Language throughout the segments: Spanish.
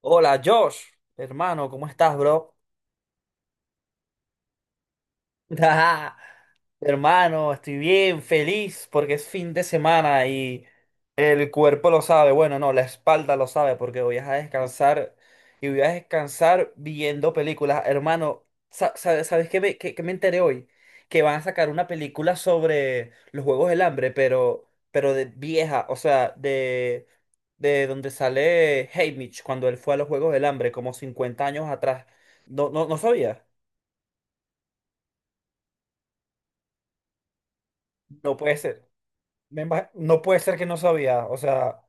Hola, Josh, hermano, ¿cómo estás, bro? Ajá. Hermano, estoy bien, feliz porque es fin de semana y el cuerpo lo sabe, bueno, no, la espalda lo sabe porque voy a descansar y voy a descansar viendo películas. Hermano, ¿sabes qué me enteré hoy? Que van a sacar una película sobre los Juegos del Hambre, pero, de vieja, o sea, de donde sale Haymitch cuando él fue a los Juegos del Hambre, como 50 años atrás. No, no, no sabía. No puede ser. No puede ser que no sabía, o sea,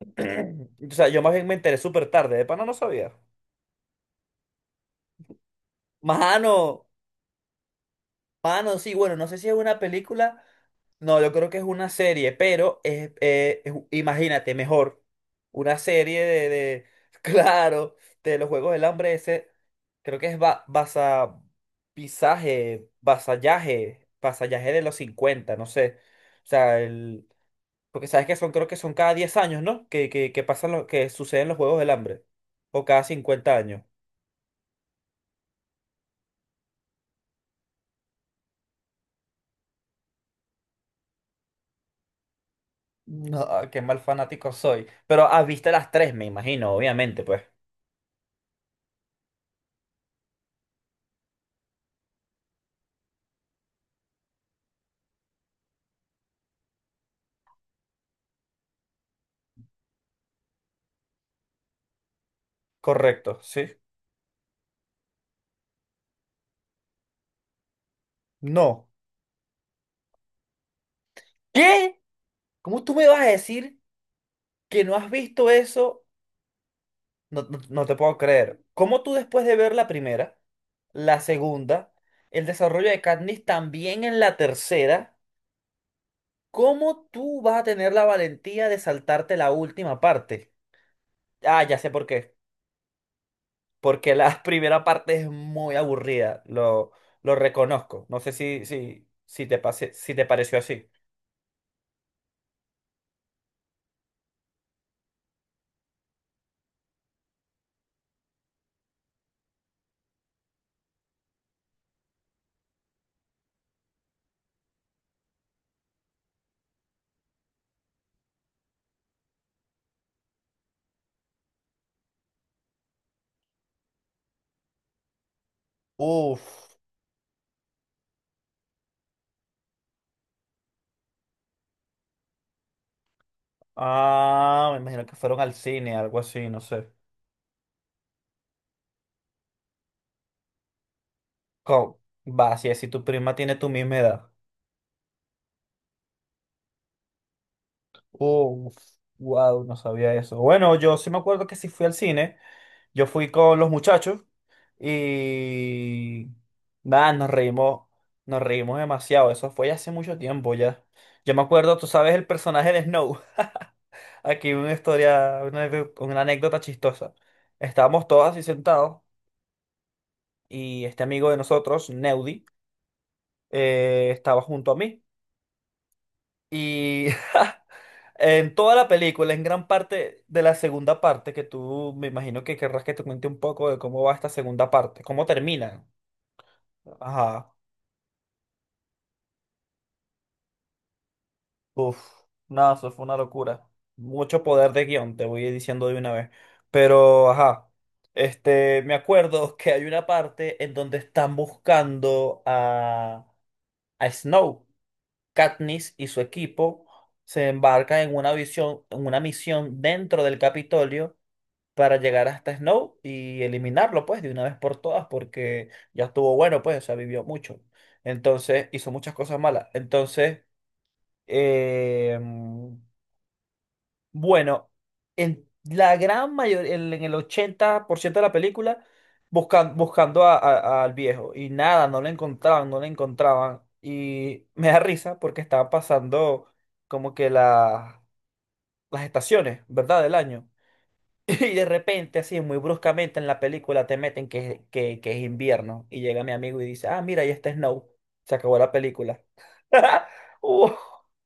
o sea, yo más bien me enteré súper tarde, de pana no sabía. Mano, mano, sí, bueno, no sé si es una película, no, yo creo que es una serie, pero es imagínate, mejor, una serie claro, de los Juegos del Hambre, ese, creo que es ba basa, pisaje, vasallaje de los 50 no sé, o sea, porque sabes que son, creo que son cada 10 años, ¿no? Que pasan que suceden los Juegos del Hambre. O cada cincuenta años. No, qué mal fanático soy. Pero ah, viste las tres, me imagino, obviamente, pues. Correcto, sí. No. ¿Qué? ¿Cómo tú me vas a decir que no has visto eso? No, no, no te puedo creer. ¿Cómo tú después de ver la primera, la segunda, el desarrollo de Katniss también en la tercera, cómo tú vas a tener la valentía de saltarte la última parte? Ah, ya sé por qué. Porque la primera parte es muy aburrida, lo reconozco. No sé si te pase, si te pareció así. Uf, ah, me imagino que fueron al cine, algo así, no sé. ¿Cómo? Va, si tu prima tiene tu misma edad. Uf, wow, no sabía eso. Bueno, yo sí me acuerdo que sí fui al cine. Yo fui con los muchachos y nada, nos reímos demasiado. Eso fue ya hace mucho tiempo ya. Yo me acuerdo, tú sabes, el personaje de Snow. Aquí una historia, una anécdota chistosa. Estábamos todos así sentados y este amigo de nosotros, Neudi, estaba junto a mí. Y en toda la película, en gran parte de la segunda parte, que tú me imagino que querrás que te cuente un poco de cómo va esta segunda parte, cómo termina. Ajá. Uf. Nada, eso fue una locura. Mucho poder de guión, te voy diciendo de una vez. Pero, ajá. Este, me acuerdo que hay una parte en donde están buscando a Snow. Katniss y su equipo se embarcan en una visión, en una misión dentro del Capitolio para llegar hasta Snow y eliminarlo, pues, de una vez por todas, porque ya estuvo bueno, pues, o sea, vivió mucho. Entonces, hizo muchas cosas malas. Entonces, Eh, bueno, en la gran mayoría, en el 80% de la película, buscando al viejo. Y nada, no lo encontraban. Y me da risa porque estaba pasando como que las estaciones, ¿verdad? Del año. Y de repente, así, muy bruscamente en la película te meten que es invierno. Y llega mi amigo y dice, ah, mira, ahí está Snow. Se acabó la película.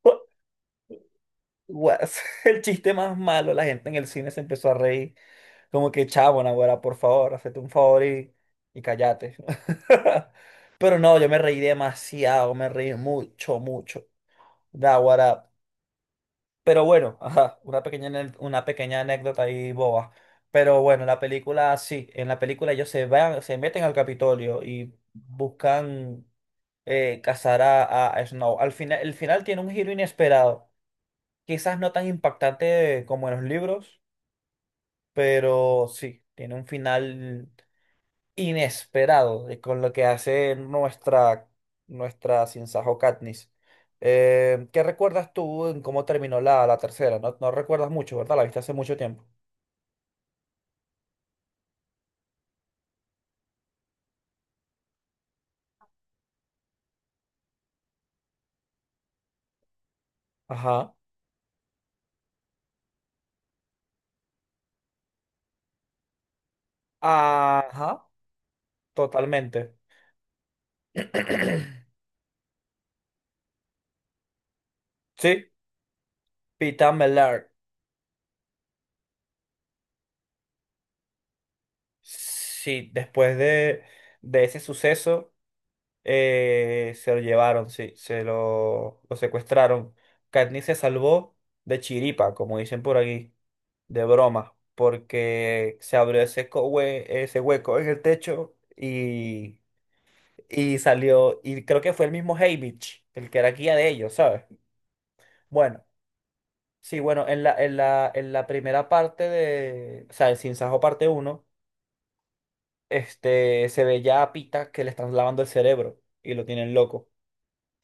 Wow. Guas, el chiste más malo, la gente en el cine se empezó a reír, como que chavo, Naguará, por favor, hazte un favor y cállate. Pero no, yo me reí demasiado, me reí mucho, mucho, Naguará. Pero bueno, ajá, una pequeña anécdota ahí boba. Pero bueno, la película, sí, en la película ellos se van, se meten al Capitolio y buscan cazar a Snow. Al final, el final tiene un giro inesperado. Quizás no tan impactante como en los libros, pero sí, tiene un final inesperado con lo que hace nuestra, nuestra Sinsajo Katniss. ¿Qué recuerdas tú en cómo terminó la tercera? No, no recuerdas mucho, ¿verdad? La viste hace mucho tiempo. Ajá. Ajá, totalmente. Sí, Pita Mellar. Sí, después de ese suceso, se lo llevaron, sí, lo secuestraron. Katniss se salvó de chiripa, como dicen por aquí, de broma, porque se abrió ese, ese hueco en el techo y salió, y creo que fue el mismo Haymitch, el que era guía de ellos, ¿sabes? Bueno, sí, bueno, en la primera parte de, o sea, el Sinsajo parte uno, este, se ve ya a Pita que le están lavando el cerebro y lo tienen loco,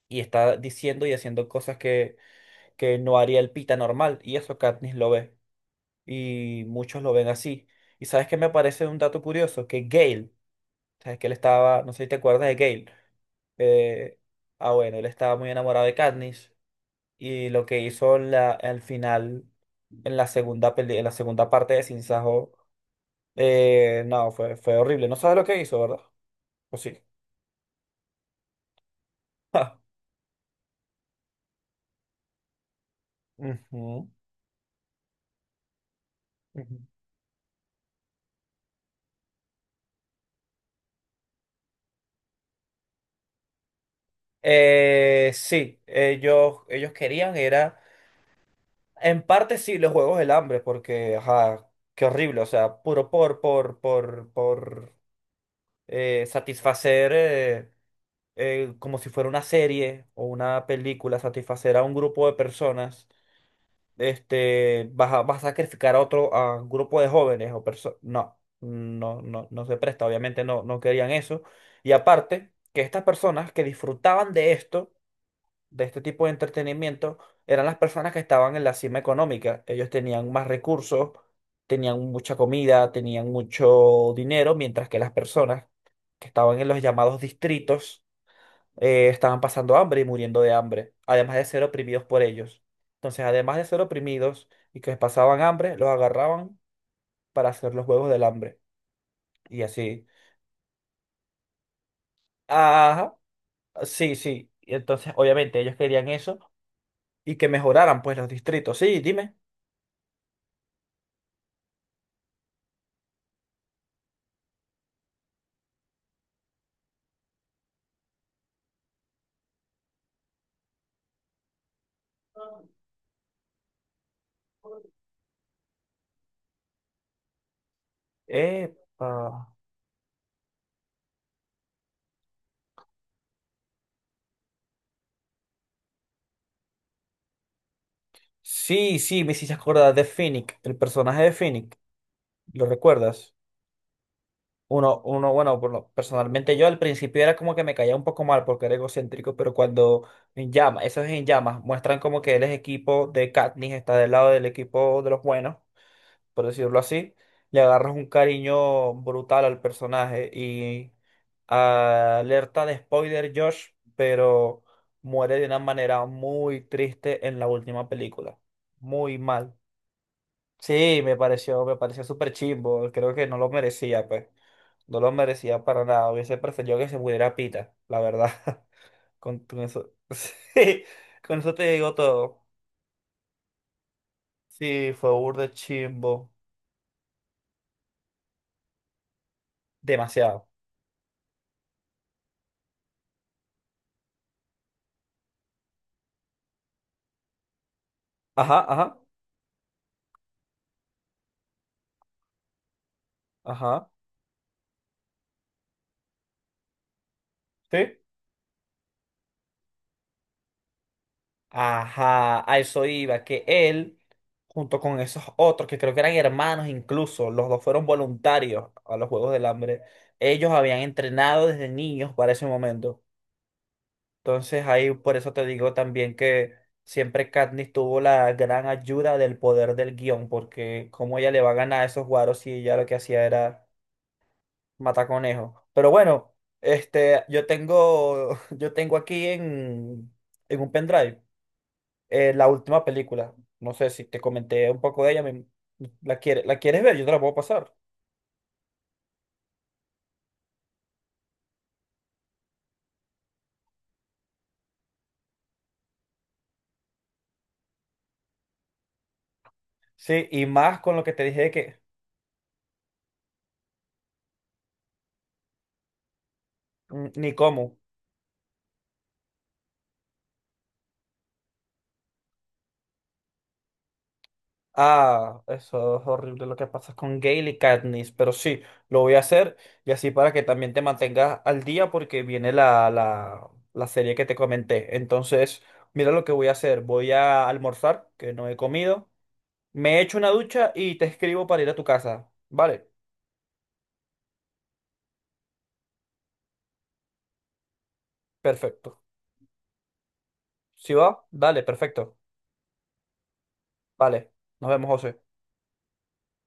y está diciendo y haciendo cosas que no haría el pita normal. Y eso Katniss lo ve. Y muchos lo ven así. Y sabes que me parece un dato curioso, que Gale, sabes que él estaba, no sé si te acuerdas de Gale. eh, ah, bueno, él estaba muy enamorado de Katniss. Y lo que hizo al final, en la segunda parte de Sin Sajo, no, fue horrible. No sabes lo que hizo, ¿verdad? Pues sí. Ujú, ujú. Sí, ellos querían, era. En parte sí, los juegos del hambre, porque, ajá, qué horrible, o sea, puro por satisfacer, como si fuera una serie o una película, satisfacer a un grupo de personas, este, vas a sacrificar a otro, a un grupo de jóvenes o personas, no, no, no, no se presta, obviamente no, no querían eso. Y aparte, que estas personas que disfrutaban de esto, de este tipo de entretenimiento, eran las personas que estaban en la cima económica. Ellos tenían más recursos, tenían mucha comida, tenían mucho dinero, mientras que las personas que estaban en los llamados distritos estaban pasando hambre y muriendo de hambre, además de ser oprimidos por ellos. Entonces, además de ser oprimidos y que pasaban hambre, los agarraban para hacer los juegos del hambre. Y así. Ajá, sí, sí. Y entonces, obviamente, ellos querían eso y que mejoraran pues los distritos. Sí, dime. Epa. Sí, sí, me hiciste acordar de Finnick, el personaje de Finnick. ¿Lo recuerdas? Uno, uno, bueno, personalmente yo al principio era como que me caía un poco mal porque era egocéntrico, pero cuando en llamas, esos en llamas, muestran como que él es equipo de Katniss, está del lado del equipo de los buenos, por decirlo así, le agarras un cariño brutal al personaje y, alerta de spoiler Josh, pero muere de una manera muy triste en la última película. Muy mal. Sí, me pareció súper chimbo. Creo que no lo merecía, pues. No lo merecía para nada. Hubiese preferido que se muriera Pita, la verdad. Con eso. Sí, con eso te digo todo. Sí, fue burde chimbo. Demasiado. Ajá, ajá, ajá. Sí. Ajá, a eso iba, que él, junto con esos otros, que creo que eran hermanos incluso, los dos fueron voluntarios a los Juegos del Hambre, ellos habían entrenado desde niños para ese momento. Entonces ahí por eso te digo también que siempre Katniss tuvo la gran ayuda del poder del guión, porque cómo ella le va a ganar a esos guaros si ella lo que hacía era matar conejos. Pero bueno, este, yo tengo aquí en un pendrive, la última película. No sé si te comenté un poco de ella. ¿La quieres ver? Yo te la puedo pasar. Sí, y más con lo que te dije de que mm, ni cómo. Ah, eso es horrible lo que pasa con Gale y Katniss, pero sí, lo voy a hacer y así para que también te mantengas al día porque viene la serie que te comenté. Entonces, mira lo que voy a hacer. Voy a almorzar, que no he comido. Me echo una ducha y te escribo para ir a tu casa. Vale, perfecto. ¿Sí va? Dale, perfecto. Vale, nos vemos, José.